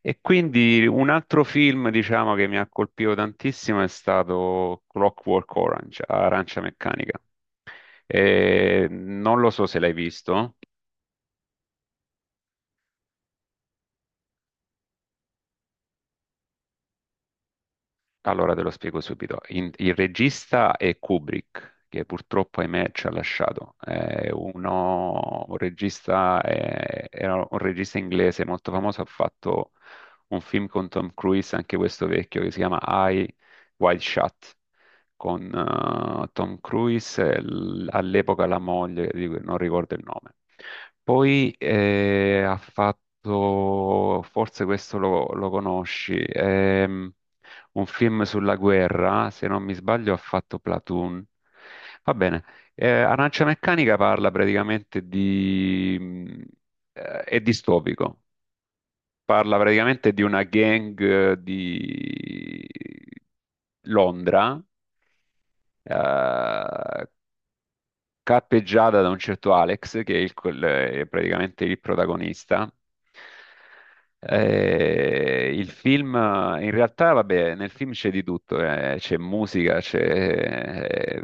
E quindi un altro film, diciamo, che mi ha colpito tantissimo è stato Clockwork Orange, Arancia Meccanica. E non lo so se l'hai visto, allora te lo spiego subito. Il regista è Kubrick, che purtroppo, ahimè, ci ha lasciato. Un regista, era un regista inglese molto famoso, ha fatto un film con Tom Cruise, anche questo vecchio, che si chiama Eye Wild Shut. Con Tom Cruise e all'epoca la moglie, di cui non ricordo il nome. Poi ha fatto, forse questo lo conosci, un film sulla guerra, se non mi sbaglio ha fatto Platoon. Va bene, Arancia Meccanica parla praticamente di... è distopico, parla praticamente di una gang di Londra, eh, cappeggiata da un certo Alex, che è, è praticamente il protagonista. Il film, in realtà, vabbè, nel film c'è di tutto, c'è musica, c'è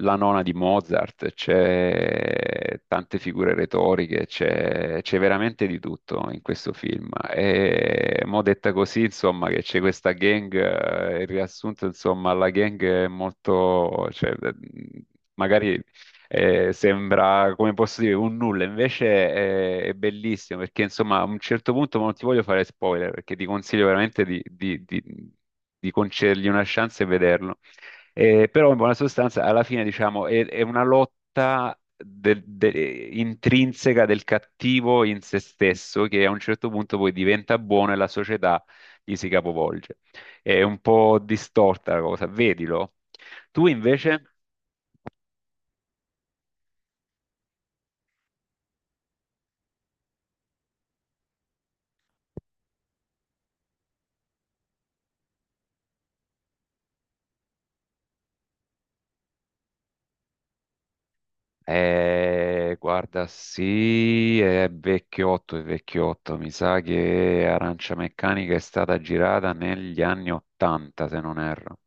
la nona di Mozart, c'è tante figure retoriche, c'è veramente di tutto in questo film. E mo detta così, insomma, che c'è questa gang, il riassunto, insomma, la gang è molto, cioè, magari sembra, come posso dire, un nulla, invece è bellissimo perché insomma a un certo punto ma non ti voglio fare spoiler perché ti consiglio veramente di concedergli una chance e vederlo. Però in buona sostanza alla fine diciamo è una lotta intrinseca del cattivo in se stesso che a un certo punto poi diventa buono e la società gli si capovolge. È un po' distorta la cosa, vedilo. Tu invece? Guarda, sì, è vecchiotto, è vecchiotto. Mi sa che Arancia Meccanica è stata girata negli anni 80, se non erro.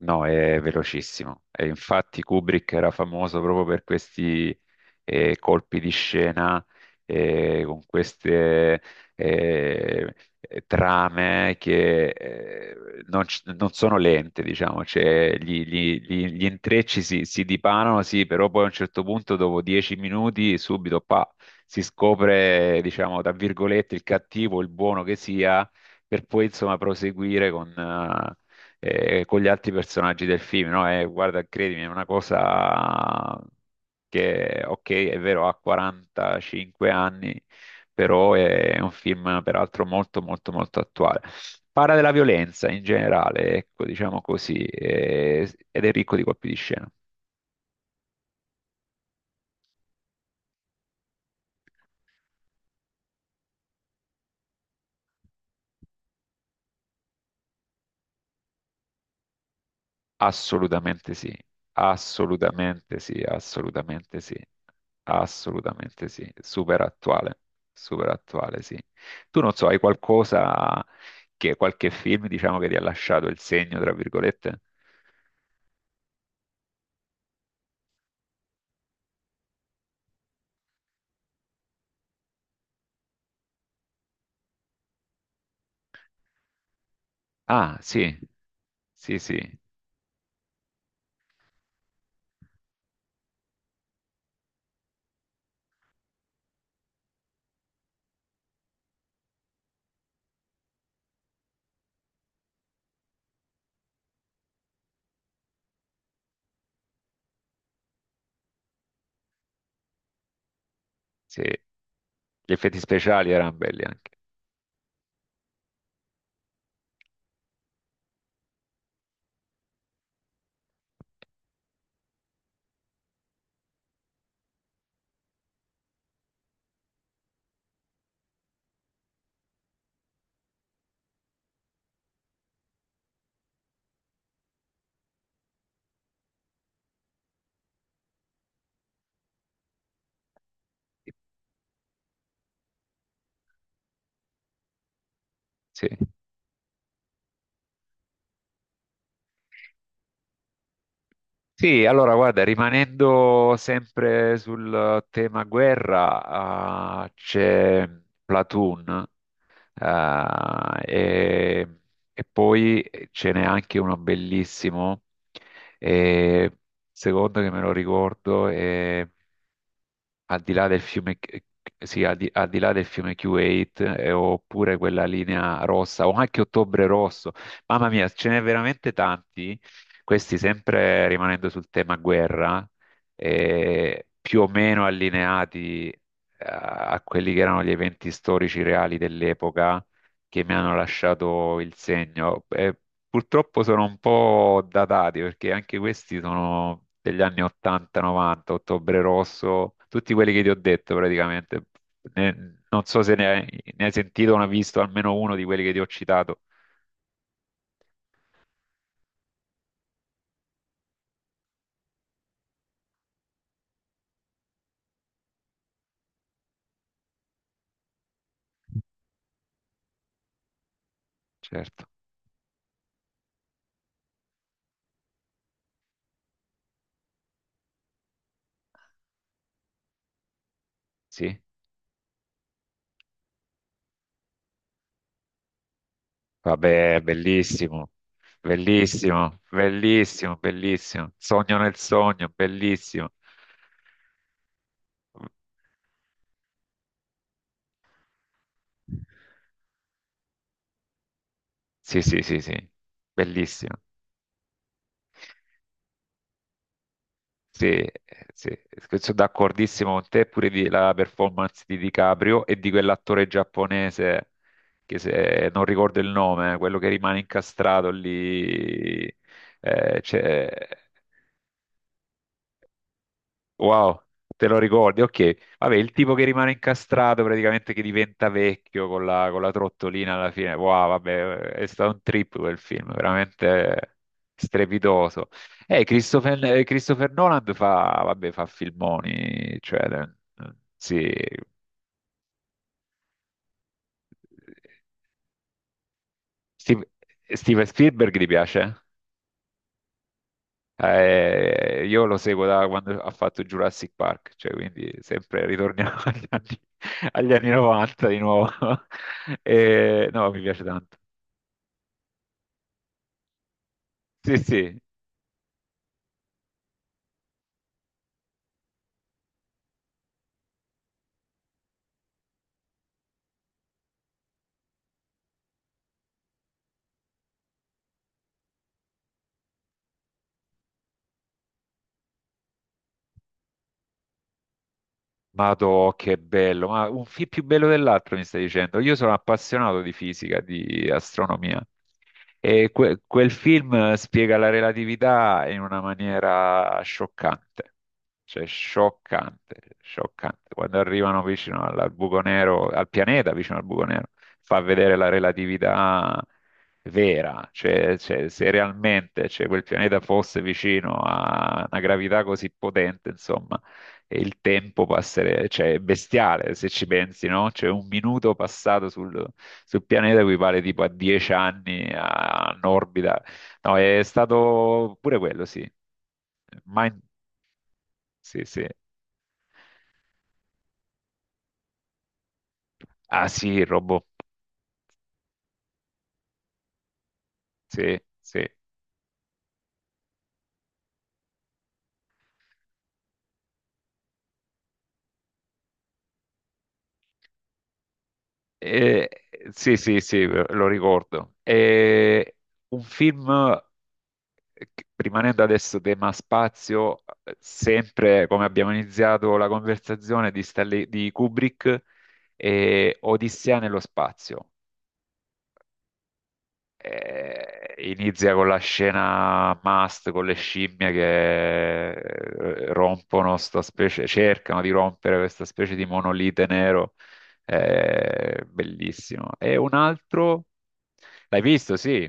No, è velocissimo. E infatti Kubrick era famoso proprio per questi colpi di scena, con queste eh, trame che non, non sono lente, diciamo, cioè, gli intrecci si dipanano, sì, però poi a un certo punto, dopo 10 minuti, subito pa, si scopre, diciamo, tra virgolette, il cattivo, il buono che sia per poi insomma proseguire con gli altri personaggi del film, no? E guarda, credimi, è una cosa che, ok, è vero, ha 45 anni, però è un film peraltro molto, molto, molto attuale. Parla della violenza in generale, ecco, diciamo così, ed è ricco di colpi di scena. Assolutamente sì, assolutamente sì, assolutamente sì, assolutamente sì, super attuale sì. Tu non so, hai qualcosa che qualche film diciamo che ti ha lasciato il segno, tra virgolette? Ah, sì, sì, sì, sì, gli effetti speciali erano belli anche. Sì. Sì, allora guarda, rimanendo sempre sul tema guerra, ah, c'è Platoon. Eh, e, e poi ce n'è anche uno bellissimo, eh, secondo che me lo ricordo, al di là del fiume, sì, al di là del fiume Q8, oppure quella linea rossa, o anche Ottobre Rosso. Mamma mia, ce n'è veramente tanti. Questi, sempre rimanendo sul tema guerra, più o meno allineati, a quelli che erano gli eventi storici reali dell'epoca che mi hanno lasciato il segno. Purtroppo sono un po' datati perché anche questi sono degli anni 80-90, Ottobre Rosso, tutti quelli che ti ho detto praticamente. Ne- Non so se ne hai sentito o ne hai visto almeno uno di quelli che ti ho citato. Certo, sì. Vabbè, bellissimo, bellissimo, bellissimo, bellissimo. Sogno nel sogno, bellissimo. Sì, sì, sì, sì, bellissimo. Sì, sì, sono d'accordissimo con te, pure la performance di DiCaprio e di quell'attore giapponese che se non ricordo il nome, quello che rimane incastrato lì, eh, c'è- wow, te lo ricordi? Ok, vabbè, il tipo che rimane incastrato praticamente che diventa vecchio con con la trottolina alla fine. Wow, vabbè, è stato un trip quel film, veramente strepitoso. Christopher Nolan fa, vabbè, fa filmoni, cioè, sì. Steve- Steven Spielberg ti piace? Io lo seguo da quando ha fatto Jurassic Park, cioè quindi sempre ritorniamo agli anni 90 di nuovo. No, mi piace tanto. Sì, sì, madò, che bello, ma un film più bello dell'altro mi stai dicendo. Io sono appassionato di fisica, di astronomia e quel film spiega la relatività in una maniera scioccante, cioè scioccante, scioccante. Quando arrivano vicino al buco nero, al pianeta vicino al buco nero, fa vedere la relatività vera, cioè, cioè, se realmente cioè, quel pianeta fosse vicino a una gravità così potente, insomma e il tempo passere, cioè è bestiale se ci pensi, no? Cioè un minuto passato sul pianeta equivale tipo a 10 anni in orbita. No, è stato pure quello, sì. Mind- Sì, sì. Ah sì, il robot. Sì, sì. Eh, sì, sì, sì, lo ricordo. È un film. Rimanendo adesso tema spazio, sempre come abbiamo iniziato la conversazione di, di Kubrick, e Odissea nello spazio. Inizia con la scena must con le scimmie che rompono sta specie, cercano di rompere questa specie di monolite nero. Bellissimo. E un altro, l'hai visto, sì.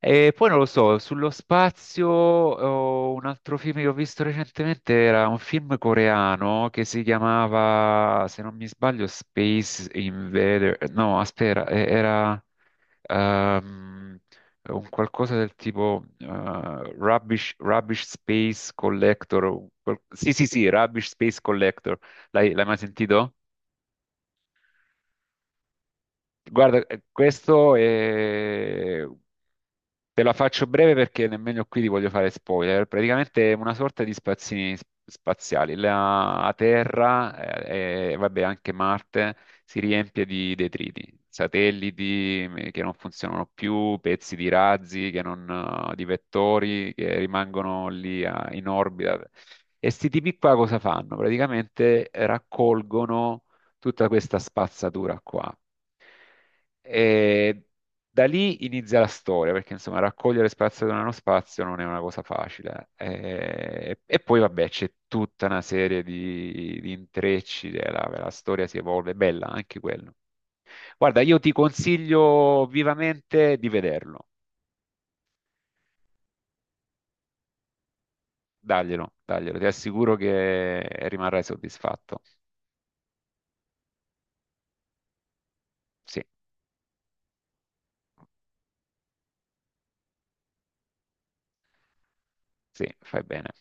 E poi non lo so, sullo spazio, oh, un altro film che ho visto recentemente era un film coreano che si chiamava, se non mi sbaglio, Space Invader. No, aspetta, era ehm, un qualcosa del tipo rubbish, rubbish Space Collector. Sì, sì, sì, Rubbish Space Collector. L'hai mai sentito? Guarda, questo è... Te la faccio breve perché nemmeno qui ti voglio fare spoiler. Praticamente è una sorta di spazzini spaziali. La Terra vabbè, anche Marte si riempie di detriti, satelliti che non funzionano più, pezzi di razzi, che non, di vettori che rimangono lì in orbita. E sti tipi qua cosa fanno? Praticamente raccolgono tutta questa spazzatura qua. E da lì inizia la storia, perché insomma raccogliere spazio da uno spazio non è una cosa facile. Poi vabbè c'è tutta una serie di intrecci, storia si evolve, bella anche quello. Guarda, io ti consiglio vivamente di vederlo, daglielo, daglielo, ti assicuro che rimarrai soddisfatto. Sì, sì, fai bene.